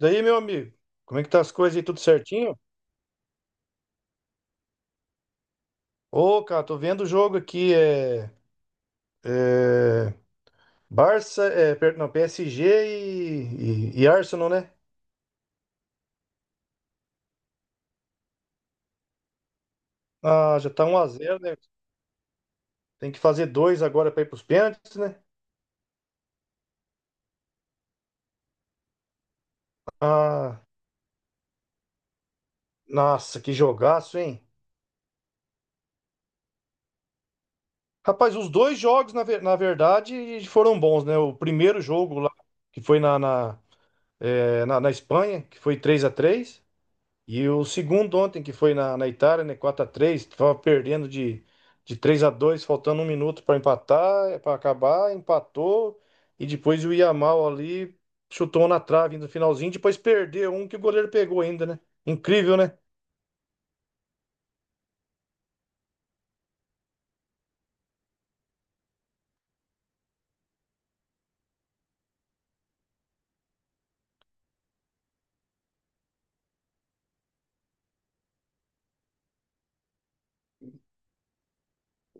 Daí, meu amigo, como é que tá as coisas aí? Tudo certinho? Ô, cara, tô vendo o jogo aqui, é Barça, não, PSG e Arsenal, né? Ah, já tá 1 a 0, né? Tem que fazer dois agora pra ir pros pênaltis, né? Ah, Nossa, que jogaço, hein? Rapaz, os dois jogos, na verdade, foram bons, né? O primeiro jogo lá, que foi na Espanha, que foi 3 a 3. E o segundo ontem, que foi na Itália, né? 4x3, tava perdendo de 3 a 2, faltando um minuto para empatar, para acabar, empatou. E depois o Yamal ali chutou na trave no finalzinho, depois perdeu um que o goleiro pegou ainda, né? Incrível, né?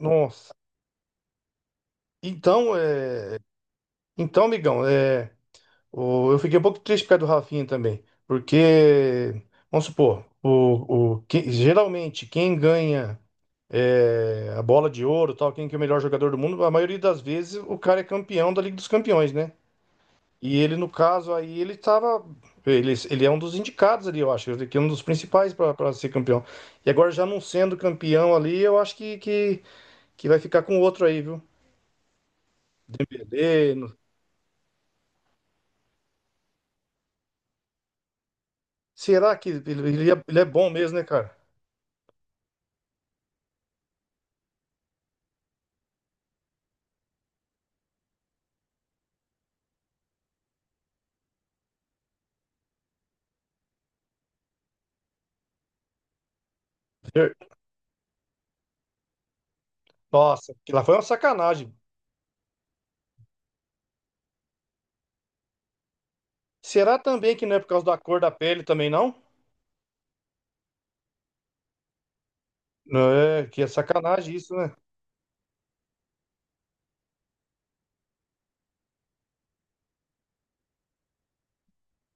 Nossa. Então, é, amigão, é. Eu fiquei um pouco triste por causa do Rafinha também, porque, vamos supor, geralmente quem ganha é, a bola de ouro, tal, quem que é o melhor jogador do mundo, a maioria das vezes o cara é campeão da Liga dos Campeões, né? E ele, no caso, aí ele estava. Ele é um dos indicados ali, eu acho, ele que é um dos principais para ser campeão. E agora, já não sendo campeão ali, eu acho que vai ficar com outro aí, viu? Dembélé, não. Será que ele é bom mesmo, né, cara? Nossa, que lá foi uma sacanagem. Será também que não é por causa da cor da pele também, não? Não. É que é sacanagem isso, né?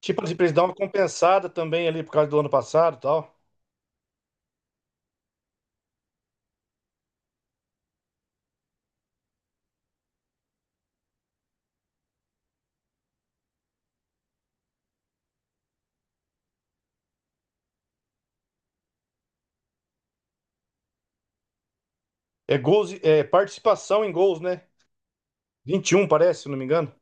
Tipo assim, pra eles dar uma compensada também ali por causa do ano passado e tal. É gols, é participação em gols, né? 21, parece, se não me engano.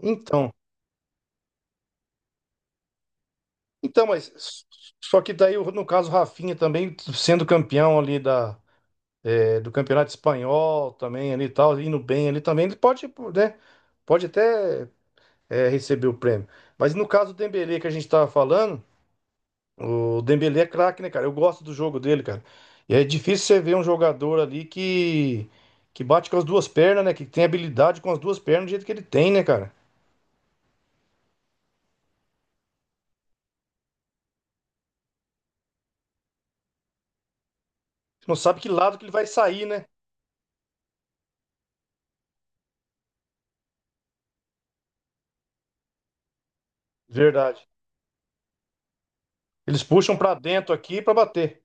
Então, então, mas só que daí, no caso, o Rafinha também sendo campeão ali da, é, do Campeonato Espanhol também ali e tal, indo bem ali também, ele pode, né? Pode até é, receber o prêmio. Mas no caso do Dembélé que a gente tava falando, o Dembélé é craque, né, cara? Eu gosto do jogo dele, cara. E é difícil você ver um jogador ali que bate com as duas pernas, né? Que tem habilidade com as duas pernas do jeito que ele tem, né, cara? Você não sabe que lado que ele vai sair, né? Verdade. Eles puxam pra dentro aqui pra bater.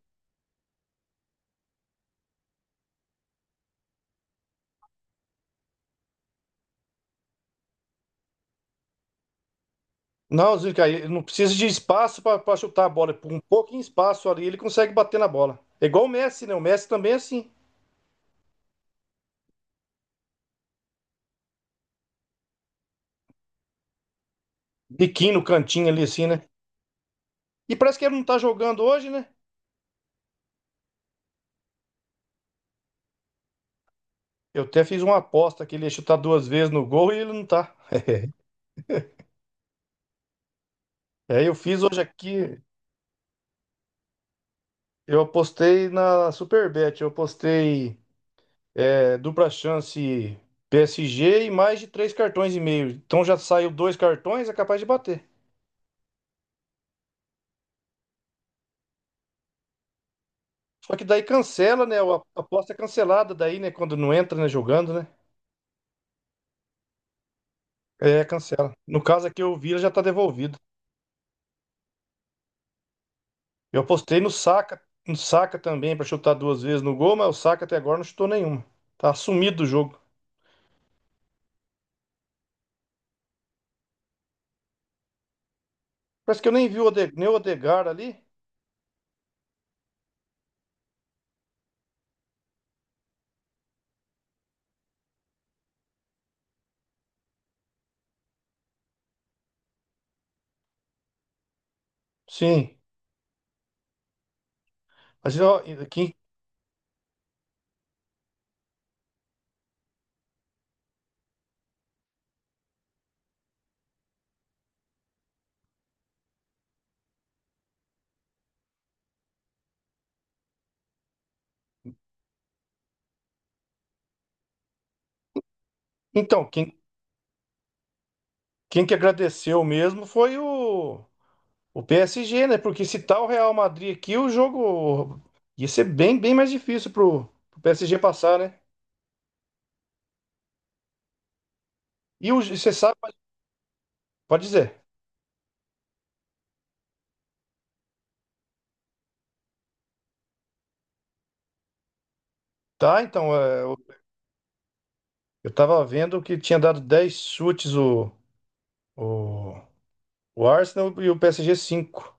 Não, Zica, ele não precisa de espaço pra chutar a bola. Por um pouquinho de espaço ali, ele consegue bater na bola. É igual o Messi, né? O Messi também é assim. Biquinho no cantinho ali, assim, né? E parece que ele não tá jogando hoje, né? Eu até fiz uma aposta que ele ia chutar duas vezes no gol e ele não tá. Aí eu fiz hoje aqui, eu apostei na Superbet, eu apostei é, dupla chance PSG e mais de três cartões e meio. Então já saiu dois cartões, é capaz de bater. Só que daí cancela, né? A aposta é cancelada daí, né? Quando não entra, né? Jogando, né? É, cancela. No caso aqui, o Vila já tá devolvido. Eu apostei no Saka, no Saka também pra chutar duas vezes no gol, mas o Saka até agora não chutou nenhuma. Tá sumido do jogo. Parece que eu nem vi o Ode- nem o Odegar ali. Sim. Mas, ó, quem- então, quem, quem que agradeceu mesmo foi o PSG, né? Porque se tá o Real Madrid aqui, o jogo ia ser bem mais difícil pro PSG passar, né? E você sabe, pode dizer. Tá, então, eu tava vendo que tinha dado 10 chutes o, o Arsenal e o PSG 5.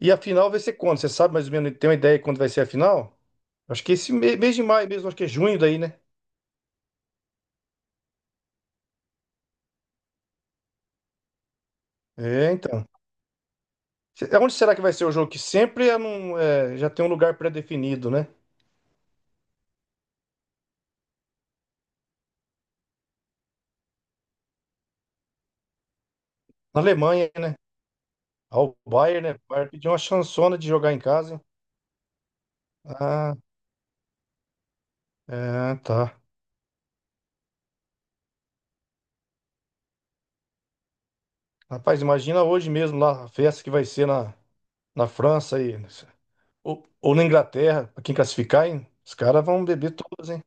E a final vai ser quando? Você sabe mais ou menos, tem uma ideia de quando vai ser a final? Acho que esse me- mês de maio mesmo, acho que é junho daí, né? É, então. Onde será que vai ser o jogo? Que sempre é num- é, já tem um lugar pré-definido, né? Na Alemanha, né? Ah, o Bayern, né? O Bayern pediu uma chansona de jogar em casa, hein? Ah, é, tá. Rapaz, imagina hoje mesmo lá a festa que vai ser na França aí. Ou na Inglaterra, pra quem classificar, hein? Os caras vão beber todas, hein?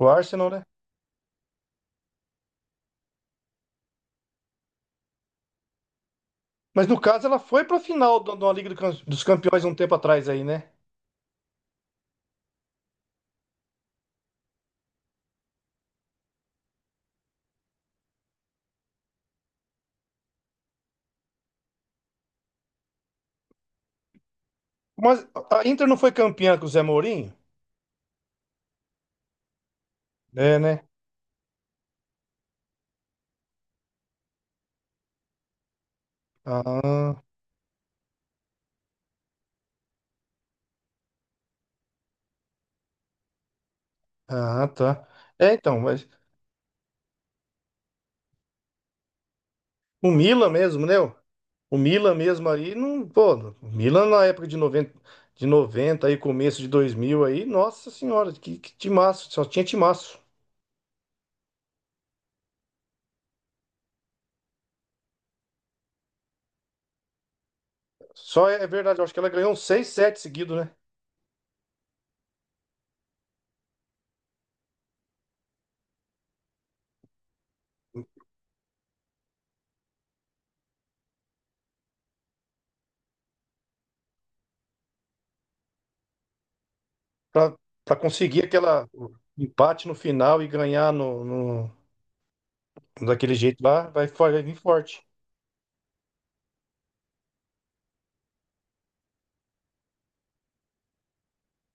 O Arsenal, né? Mas no caso, ela foi pra final da da Liga dos Campeões um tempo atrás aí, né? Mas a Inter não foi campeã com o Zé Mourinho? É, né? Ah. Ah, tá. É, então, mas o Milan mesmo, né? O Milan mesmo aí, não, pô, o Milan na época de 90 aí, começo de 2000 aí, nossa senhora, que timaço, só tinha timaço. Só é, é verdade, eu acho que ela ganhou uns 6, 7 seguidos, né? Pra, pra conseguir aquela o empate no final e ganhar no- daquele jeito lá, vai vir forte.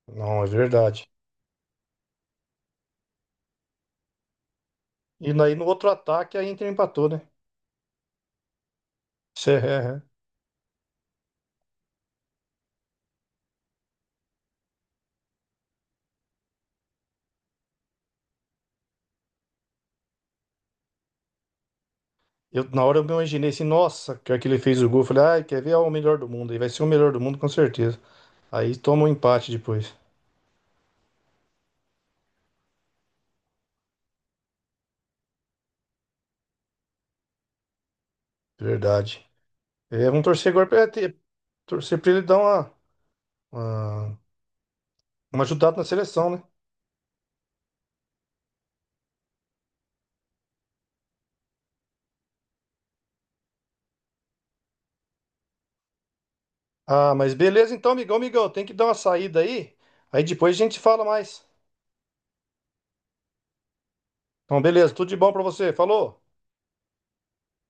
Não, é verdade. E aí no outro ataque a Inter empatou, né? Isso é. Eu, na hora eu me imaginei assim, nossa, que hora que ele fez o gol, eu falei, ai, quer ver? Ah, o melhor do mundo, aí vai ser o melhor do mundo com certeza. Aí toma um empate depois. Verdade. É, vamos torcer agora torcer pra ele dar uma, uma ajudada na seleção, né? Ah, mas beleza então, amigão, tem que dar uma saída aí. Aí depois a gente fala mais. Então, beleza, tudo de bom pra você. Falou!